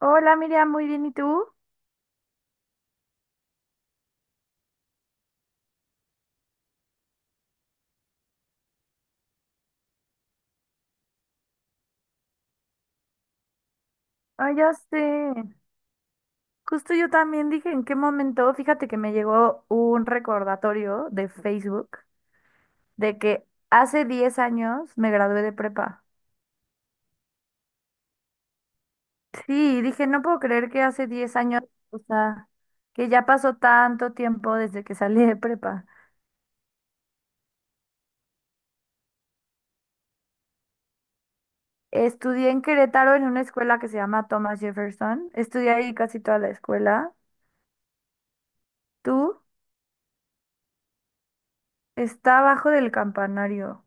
Hola Miriam, muy bien, ¿y tú? Ay, ya sé. Justo yo también dije en qué momento, fíjate que me llegó un recordatorio de Facebook de que hace 10 años me gradué de prepa. Sí, dije, no puedo creer que hace 10 años, o sea, que ya pasó tanto tiempo desde que salí de prepa. Estudié en Querétaro en una escuela que se llama Thomas Jefferson. Estudié ahí casi toda la escuela. ¿Tú? Está abajo del campanario.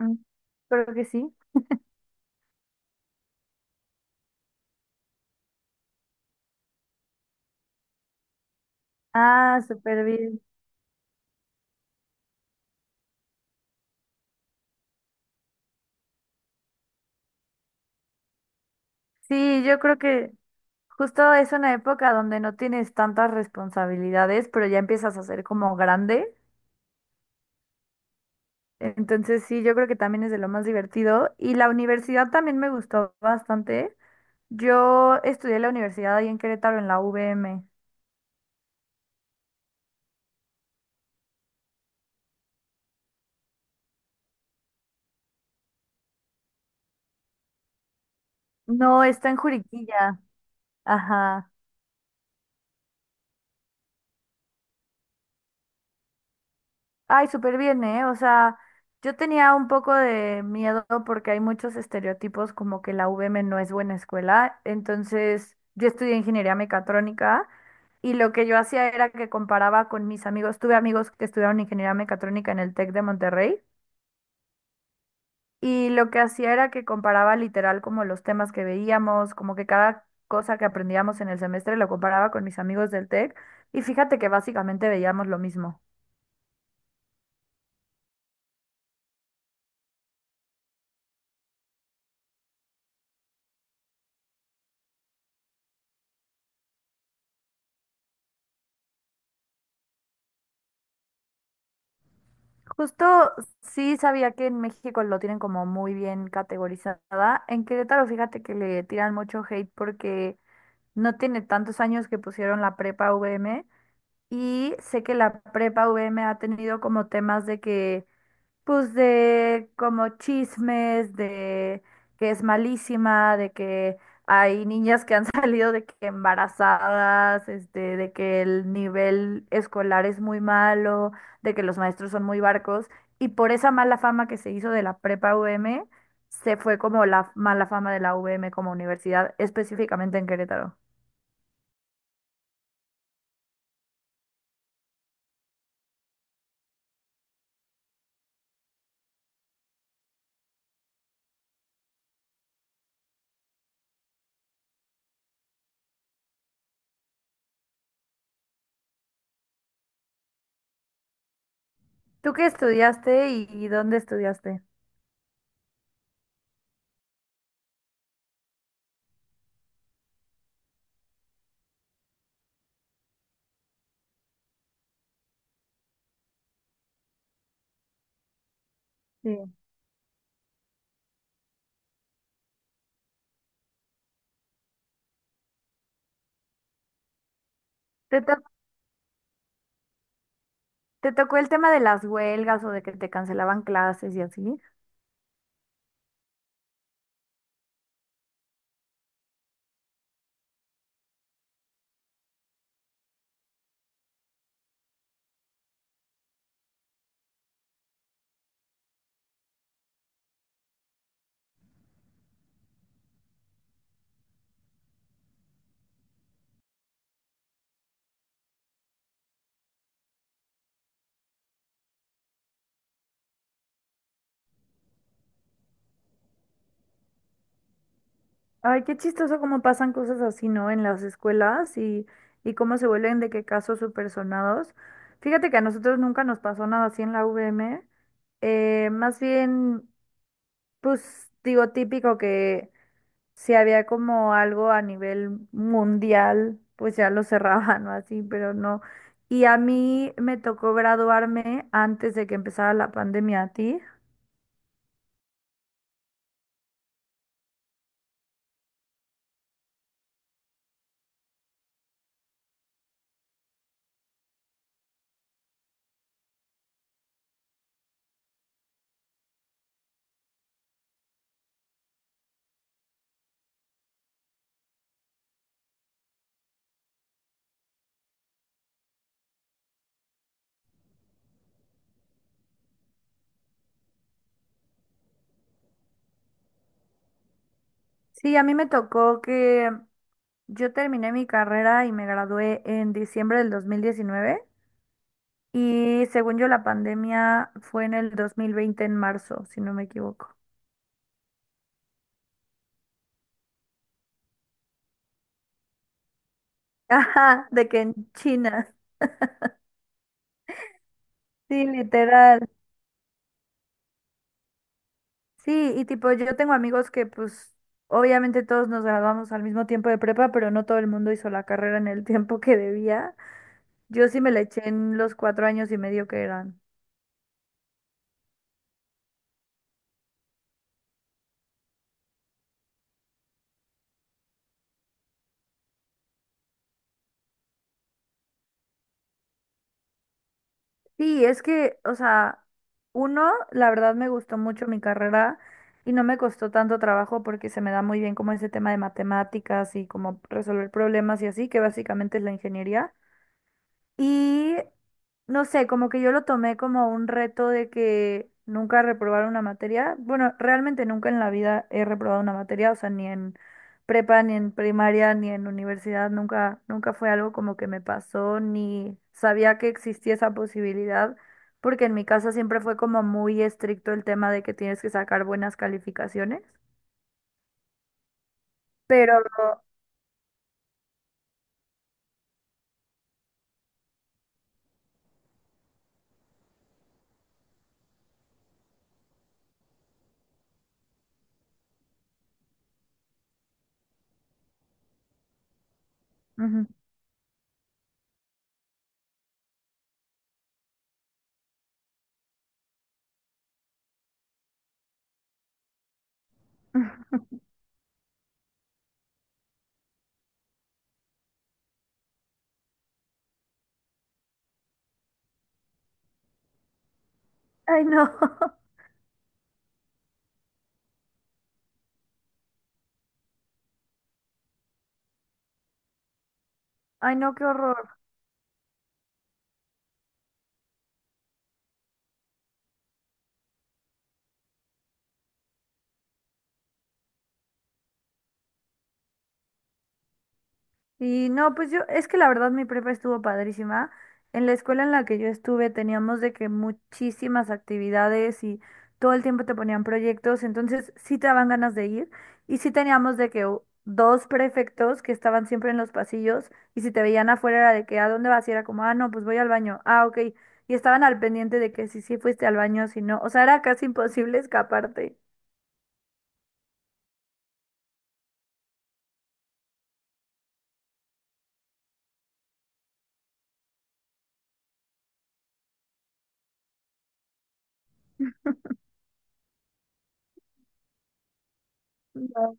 Ujú. Creo que sí. Ah, súper bien. Sí, yo creo que justo es una época donde no tienes tantas responsabilidades, pero ya empiezas a ser como grande. Entonces sí, yo creo que también es de lo más divertido. Y la universidad también me gustó bastante. Yo estudié en la universidad ahí en Querétaro, en la U V M. No, está en Juriquilla. Ajá. Ay, súper bien, ¿eh? O sea, yo tenía un poco de miedo porque hay muchos estereotipos como que la UVM no es buena escuela. Entonces, yo estudié ingeniería mecatrónica y lo que yo hacía era que comparaba con mis amigos. Tuve amigos que estudiaron ingeniería mecatrónica en el TEC de Monterrey y lo que hacía era que comparaba literal como los temas que veíamos, como que cada cosa que aprendíamos en el semestre lo comparaba con mis amigos del TEC y fíjate que básicamente veíamos lo mismo. Justo sí sabía que en México lo tienen como muy bien categorizada. En Querétaro, fíjate que le tiran mucho hate porque no tiene tantos años que pusieron la prepa VM y sé que la prepa VM ha tenido como temas de que, pues, de como chismes, de que es malísima, de que hay niñas que han salido de que embarazadas, de que el nivel escolar es muy malo, de que los maestros son muy barcos, y por esa mala fama que se hizo de la prepa U M se fue como la mala fama de la U M como universidad, específicamente en Querétaro. ¿Tú qué estudiaste y dónde estudiaste? Sí. ¿Te, to- Te tocó el tema de las huelgas o de que te cancelaban clases y así? Ay, qué chistoso cómo pasan cosas así, ¿no? En las escuelas y cómo se vuelven de qué casos supersonados. Fíjate que a nosotros nunca nos pasó nada así en la UVM. Más bien, pues digo, típico que si había como algo a nivel mundial, pues ya lo cerraban o así, pero no. Y a mí me tocó graduarme antes de que empezara la pandemia, ¿a ti? Sí, a mí me tocó que yo terminé mi carrera y me gradué en diciembre del 2019 y según yo la pandemia fue en el 2020 en marzo, si no me equivoco. Ajá, de que en China. Sí, literal. Sí, y tipo, yo tengo amigos que pues obviamente todos nos graduamos al mismo tiempo de prepa, pero no todo el mundo hizo la carrera en el tiempo que debía. Yo sí me la eché en los 4 años y medio que eran. Sí, es que, o sea, uno, la verdad me gustó mucho mi carrera y no me costó tanto trabajo porque se me da muy bien como ese tema de matemáticas y como resolver problemas y así, que básicamente es la ingeniería. Y no sé, como que yo lo tomé como un reto de que nunca reprobar una materia. Bueno, realmente nunca en la vida he reprobado una materia, o sea, ni en prepa, ni en primaria, ni en universidad, nunca, nunca fue algo como que me pasó, ni sabía que existía esa posibilidad, porque en mi casa siempre fue como muy estricto el tema de que tienes que sacar buenas calificaciones. Pero, ujú. Ay, no. Ay, no, qué horror. Y no, pues yo, es que la verdad mi prepa estuvo padrísima. En la escuela en la que yo estuve teníamos de que muchísimas actividades y todo el tiempo te ponían proyectos, entonces sí te daban ganas de ir. Y sí teníamos de que dos prefectos que estaban siempre en los pasillos y si te veían afuera era de que ¿a dónde vas? Y era como, ah, no, pues voy al baño. Ah, ok. Y estaban al pendiente de que si sí fuiste al baño, si no. O sea, era casi imposible escaparte. No.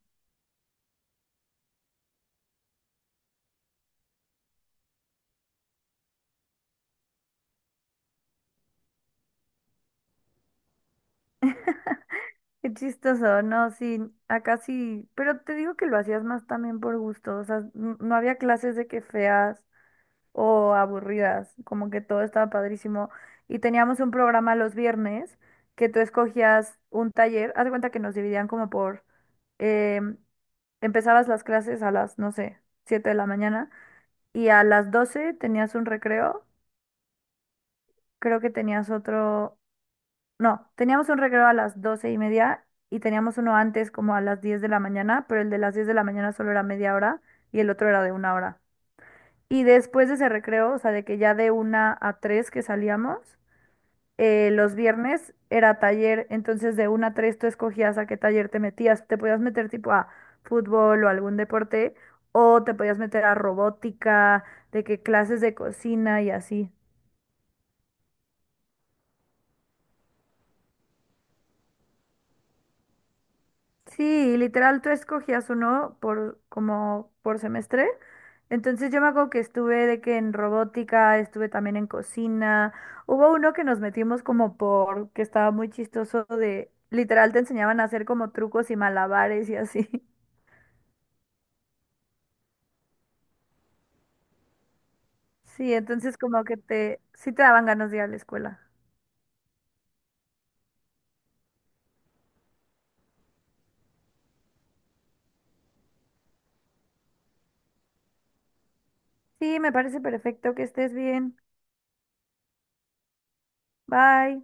Qué chistoso, no, sí, acá sí, pero te digo que lo hacías más también por gusto, o sea, no había clases de que feas o aburridas, como que todo estaba padrísimo. Y teníamos un programa los viernes que tú escogías un taller, haz de cuenta que nos dividían como em, empezabas las clases a las, no sé, 7 de la mañana y a las 12 tenías un recreo, creo que tenías otro. No, teníamos un recreo a las 12 y media y teníamos uno antes como a las 10 de la mañana, pero el de las 10 de la mañana solo era media hora y el otro era de una hora. Y después de ese recreo, o sea, de que ya de una a tres que salíamos, los viernes era taller, entonces de una a tres tú escogías a qué taller te metías. Te podías meter tipo a fútbol o algún deporte, o te podías meter a robótica, de que clases de cocina y así. Sí, literal, tú escogías uno por como por semestre. Entonces yo me acuerdo que estuve de que en robótica, estuve también en cocina. Hubo uno que nos metimos como por, que estaba muy chistoso de, literal te enseñaban a hacer como trucos y malabares y así. Sí, entonces como que te, sí te daban ganas de ir a la escuela. Sí, me parece perfecto que estés bien. Bye.